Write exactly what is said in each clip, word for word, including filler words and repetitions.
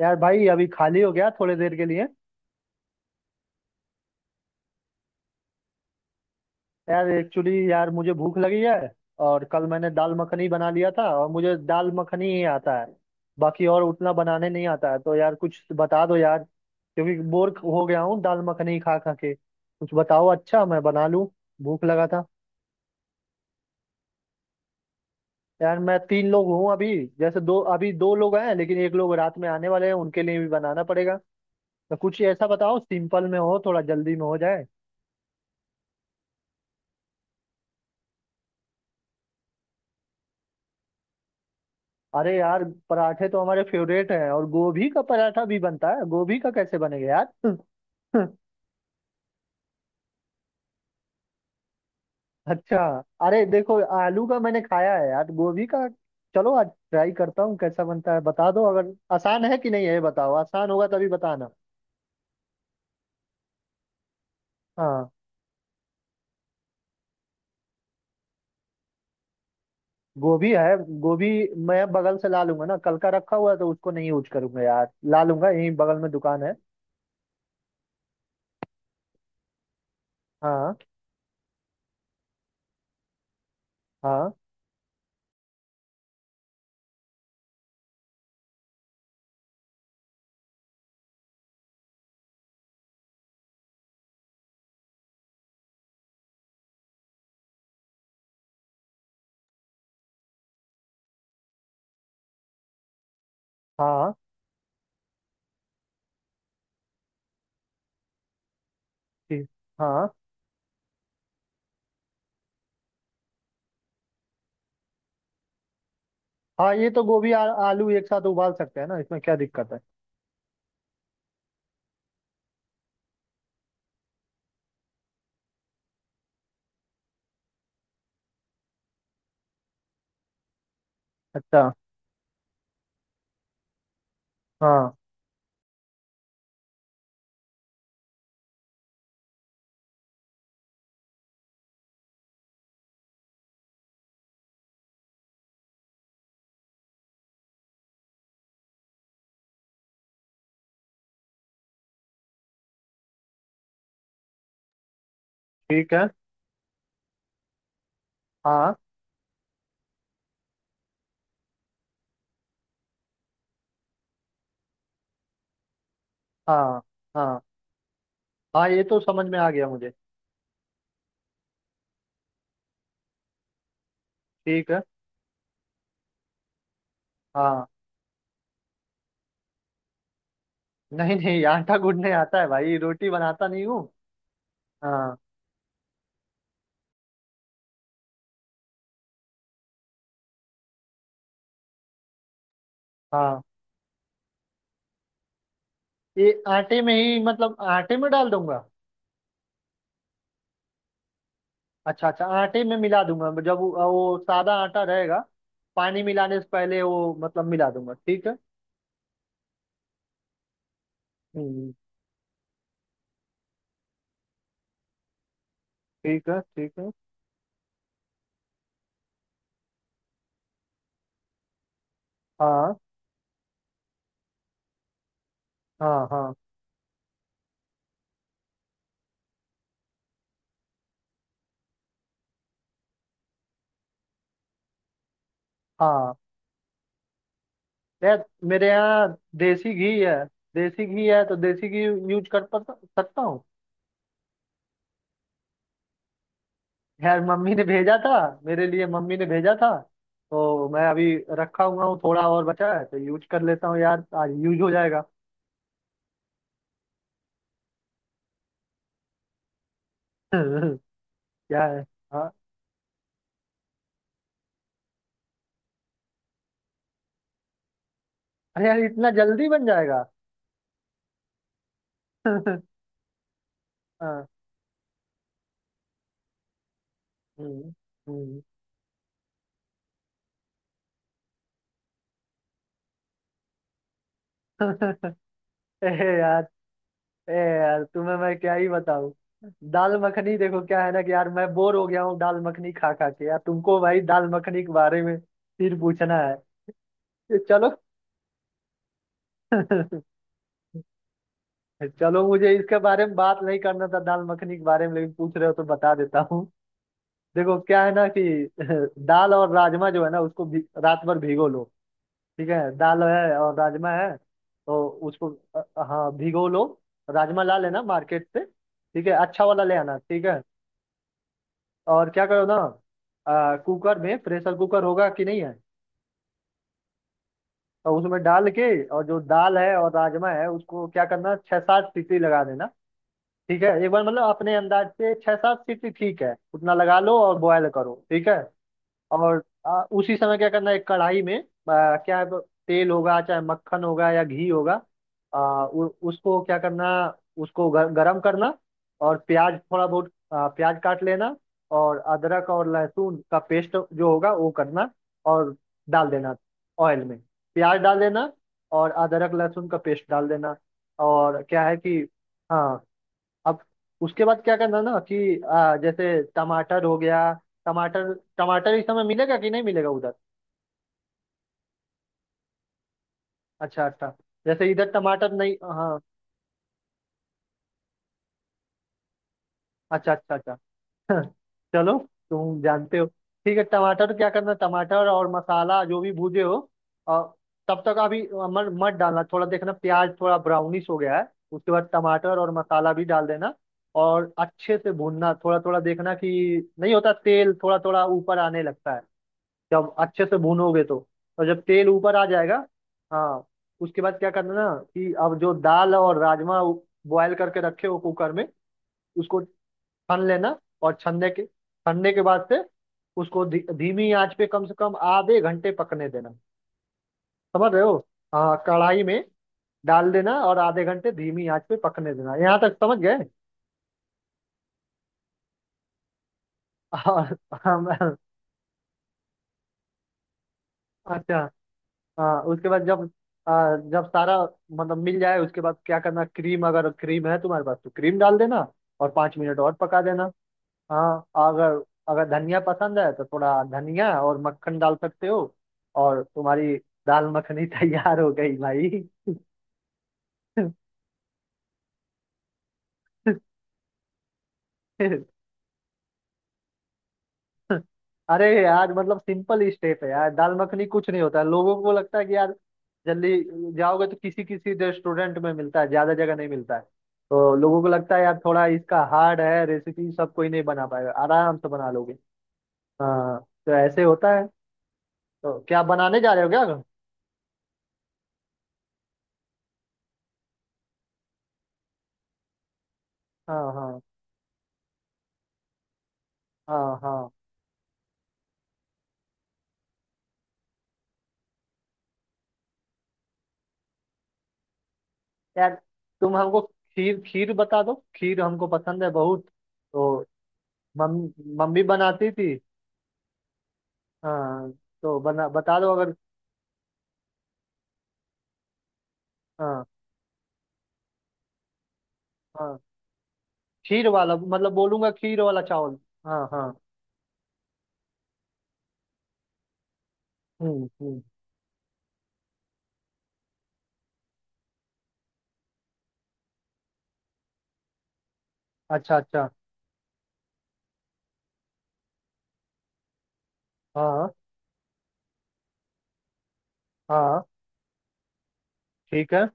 यार भाई अभी खाली हो गया थोड़ी देर के लिए। यार एक्चुअली यार मुझे भूख लगी है। और कल मैंने दाल मखनी बना लिया था और मुझे दाल मखनी ही आता है। बाकी और उतना बनाने नहीं आता है तो यार कुछ बता दो यार क्योंकि बोर हो गया हूँ दाल मखनी खा खा के। कुछ बताओ अच्छा मैं बना लूँ। भूख लगा था। यार मैं तीन लोग हूँ अभी। जैसे दो अभी दो लोग हैं लेकिन एक लोग रात में आने वाले हैं उनके लिए भी बनाना पड़ेगा। तो कुछ ऐसा बताओ सिंपल में हो थोड़ा जल्दी में हो जाए। अरे यार। पराठे तो हमारे फेवरेट हैं और गोभी का पराठा भी बनता है गोभी का कैसे बनेगा यार? अच्छा। अरे देखो आलू का मैंने खाया है यार गोभी का। चलो आज ट्राई करता हूँ कैसा बनता है बता दो अगर आसान है कि नहीं है ये बताओ आसान होगा तभी बताना। हाँ। गोभी है। गोभी। मैं बगल से ला लूंगा ना कल का रखा हुआ है तो उसको नहीं यूज करूंगा यार ला लूंगा यहीं बगल में दुकान है। हाँ हाँ हाँ। ठीक। हाँ। हाँ ये तो गोभी आ, आलू एक साथ उबाल सकते हैं ना इसमें क्या दिक्कत है? अच्छा। हाँ। ठीक है। हाँ हाँ हाँ। हाँ ये तो समझ में आ गया मुझे। ठीक है। हाँ। नहीं नहीं आटा गूंदने आता है भाई रोटी बनाता नहीं हूँ। हाँ। हाँ ये आटे में ही मतलब आटे में डाल दूंगा। अच्छा अच्छा आटे में मिला दूंगा जब वो, वो सादा आटा रहेगा। पानी मिलाने से पहले वो मतलब मिला दूंगा ठीक है। हम्म। ठीक है ठीक है। हाँ हाँ हाँ हाँ। यार मेरे यहाँ देसी घी है। देसी घी है तो देसी घी यूज कर पा- सकता हूँ। यार मम्मी ने भेजा था। मेरे लिए मम्मी ने भेजा था। तो मैं अभी रखा हुआ हूँ थोड़ा और बचा है तो यूज कर लेता हूँ यार आज यूज हो जाएगा। क्या है। हाँ। अरे यार इतना जल्दी बन जाएगा! हाँ। हम्म। हम्म। ए यार ए यार तुम्हें मैं क्या ही बताऊँ। दाल मखनी देखो क्या है ना कि यार मैं बोर हो गया हूँ दाल मखनी खा खा के यार तुमको भाई दाल मखनी के बारे में फिर पूछना है। चलो। चलो मुझे इसके बारे में बात नहीं करना था दाल मखनी के बारे में लेकिन पूछ रहे हो तो बता देता हूँ। देखो क्या है ना कि दाल और राजमा जो है ना उसको भी रात भर भिगो लो। ठीक है दाल है और राजमा है तो उसको अ, हाँ भिगो लो। राजमा ला लेना मार्केट से ठीक है अच्छा वाला ले आना ठीक है। और क्या करो ना अ, कुकर में प्रेशर कुकर होगा कि नहीं है? तो उसमें डाल के और जो दाल है और राजमा है उसको क्या करना छह सात सीटी लगा देना। ठीक है एक बार मतलब अपने अंदाज से छह सात सीटी ठीक है उतना लगा लो और बॉयल करो ठीक है। और आ, उसी समय क्या करना है एक कढ़ाई में आ, क्या है, तेल होगा चाहे मक्खन होगा या घी होगा। आ, उ, उसको क्या करना उसको गर, गरम करना। और प्याज थोड़ा बहुत आ, प्याज काट लेना। और अदरक और लहसुन का पेस्ट जो होगा वो करना और डाल देना ऑयल में। प्याज डाल देना और अदरक लहसुन का पेस्ट डाल देना। और क्या है कि हाँ अब उसके बाद क्या करना ना कि आ, जैसे टमाटर हो गया। टमाटर टमाटर इस समय मिलेगा कि नहीं मिलेगा उधर? अच्छा अच्छा। जैसे इधर टमाटर नहीं हाँ। अच्छा अच्छा अच्छा। चलो। तुम जानते हो। ठीक है टमाटर क्या करना टमाटर और मसाला जो भी भूजे हो और तब तक अभी मत मत डालना थोड़ा देखना प्याज थोड़ा ब्राउनिश हो गया है। उसके बाद टमाटर और मसाला भी डाल देना। और अच्छे से भूनना थोड़ा थोड़ा देखना कि नहीं होता तेल थोड़ा थोड़ा ऊपर आने लगता है जब अच्छे से भूनोगे तो। और जब तेल ऊपर आ जाएगा हाँ उसके बाद क्या करना ना कि अब जो दाल और राजमा बॉयल करके रखे हो कुकर में उसको छन लेना। और छनने के छनने के बाद से उसको धी, धीमी आंच पे कम से कम आधे घंटे पकने देना। समझ रहे हो? हाँ कढ़ाई में डाल देना और आधे घंटे धीमी आंच पे पकने देना यहाँ तक समझ गए? और- हम- अच्छा। हाँ उसके बाद जब आ, जब सारा मतलब मिल जाए उसके बाद क्या करना क्रीम अगर क्रीम है तुम्हारे पास तो क्रीम डाल देना। और पाँच मिनट और पका देना। हाँ। अगर अगर धनिया पसंद है तो थोड़ा धनिया और मक्खन डाल सकते हो। और तुम्हारी दाल मखनी तैयार हो गई भाई। अरे यार मतलब सिंपल स्टेप है यार दाल मखनी कुछ नहीं होता है लोगों को लगता है कि यार जल्दी जाओगे तो किसी किसी रेस्टोरेंट में मिलता है ज्यादा जगह नहीं मिलता है। तो लोगों को लगता है यार थोड़ा इसका हार्ड है रेसिपी सब कोई नहीं बना पाएगा आराम से बना लोगे। हाँ तो ऐसे होता है तो क्या बनाने जा रहे हो क्या? हाँ हाँ हाँ हाँ। यार तुम हमको खीर खीर बता दो खीर हमको पसंद है बहुत। तो मम मम्मी बनाती थी। हाँ। तो बना बता दो अगर। हाँ हाँ। खीर वाला मतलब बोलूंगा खीर वाला चावल। हाँ हाँ। हम्म हम्म। अच्छा अच्छा। हाँ हाँ। ठीक है।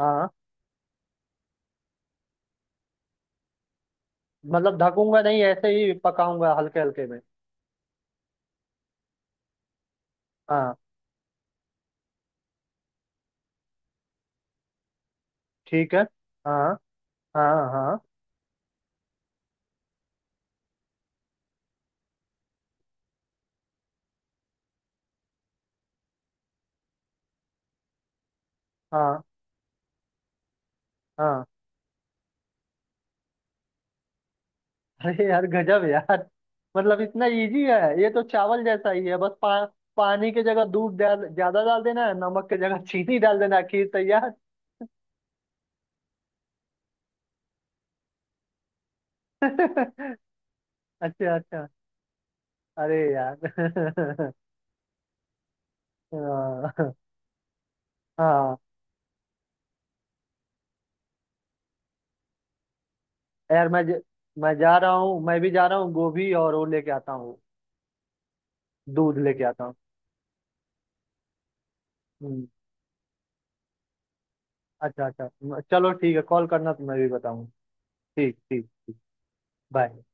हाँ मतलब ढकूंगा नहीं ऐसे ही पकाऊंगा हल्के हल्के में। हाँ। ठीक है। हाँ हाँ हाँ हाँ। हाँ। अरे यार गजब यार। मतलब इतना इजी है ये तो चावल जैसा ही है बस पा, पानी की जगह दूध डाल ज्यादा डाल देना है नमक की जगह चीनी डाल देना है, खीर तैयार। अच्छा अच्छा। अरे यार। हाँ हाँ। यार मैं ज- मैं जा रहा हूँ मैं भी जा रहा हूँ गोभी और वो लेके आता हूँ। दूध लेके आता हूँ। हम्म। अच्छा अच्छा चलो ठीक है कॉल करना तो मैं भी बताऊँ। ठीक ठीक। बाय।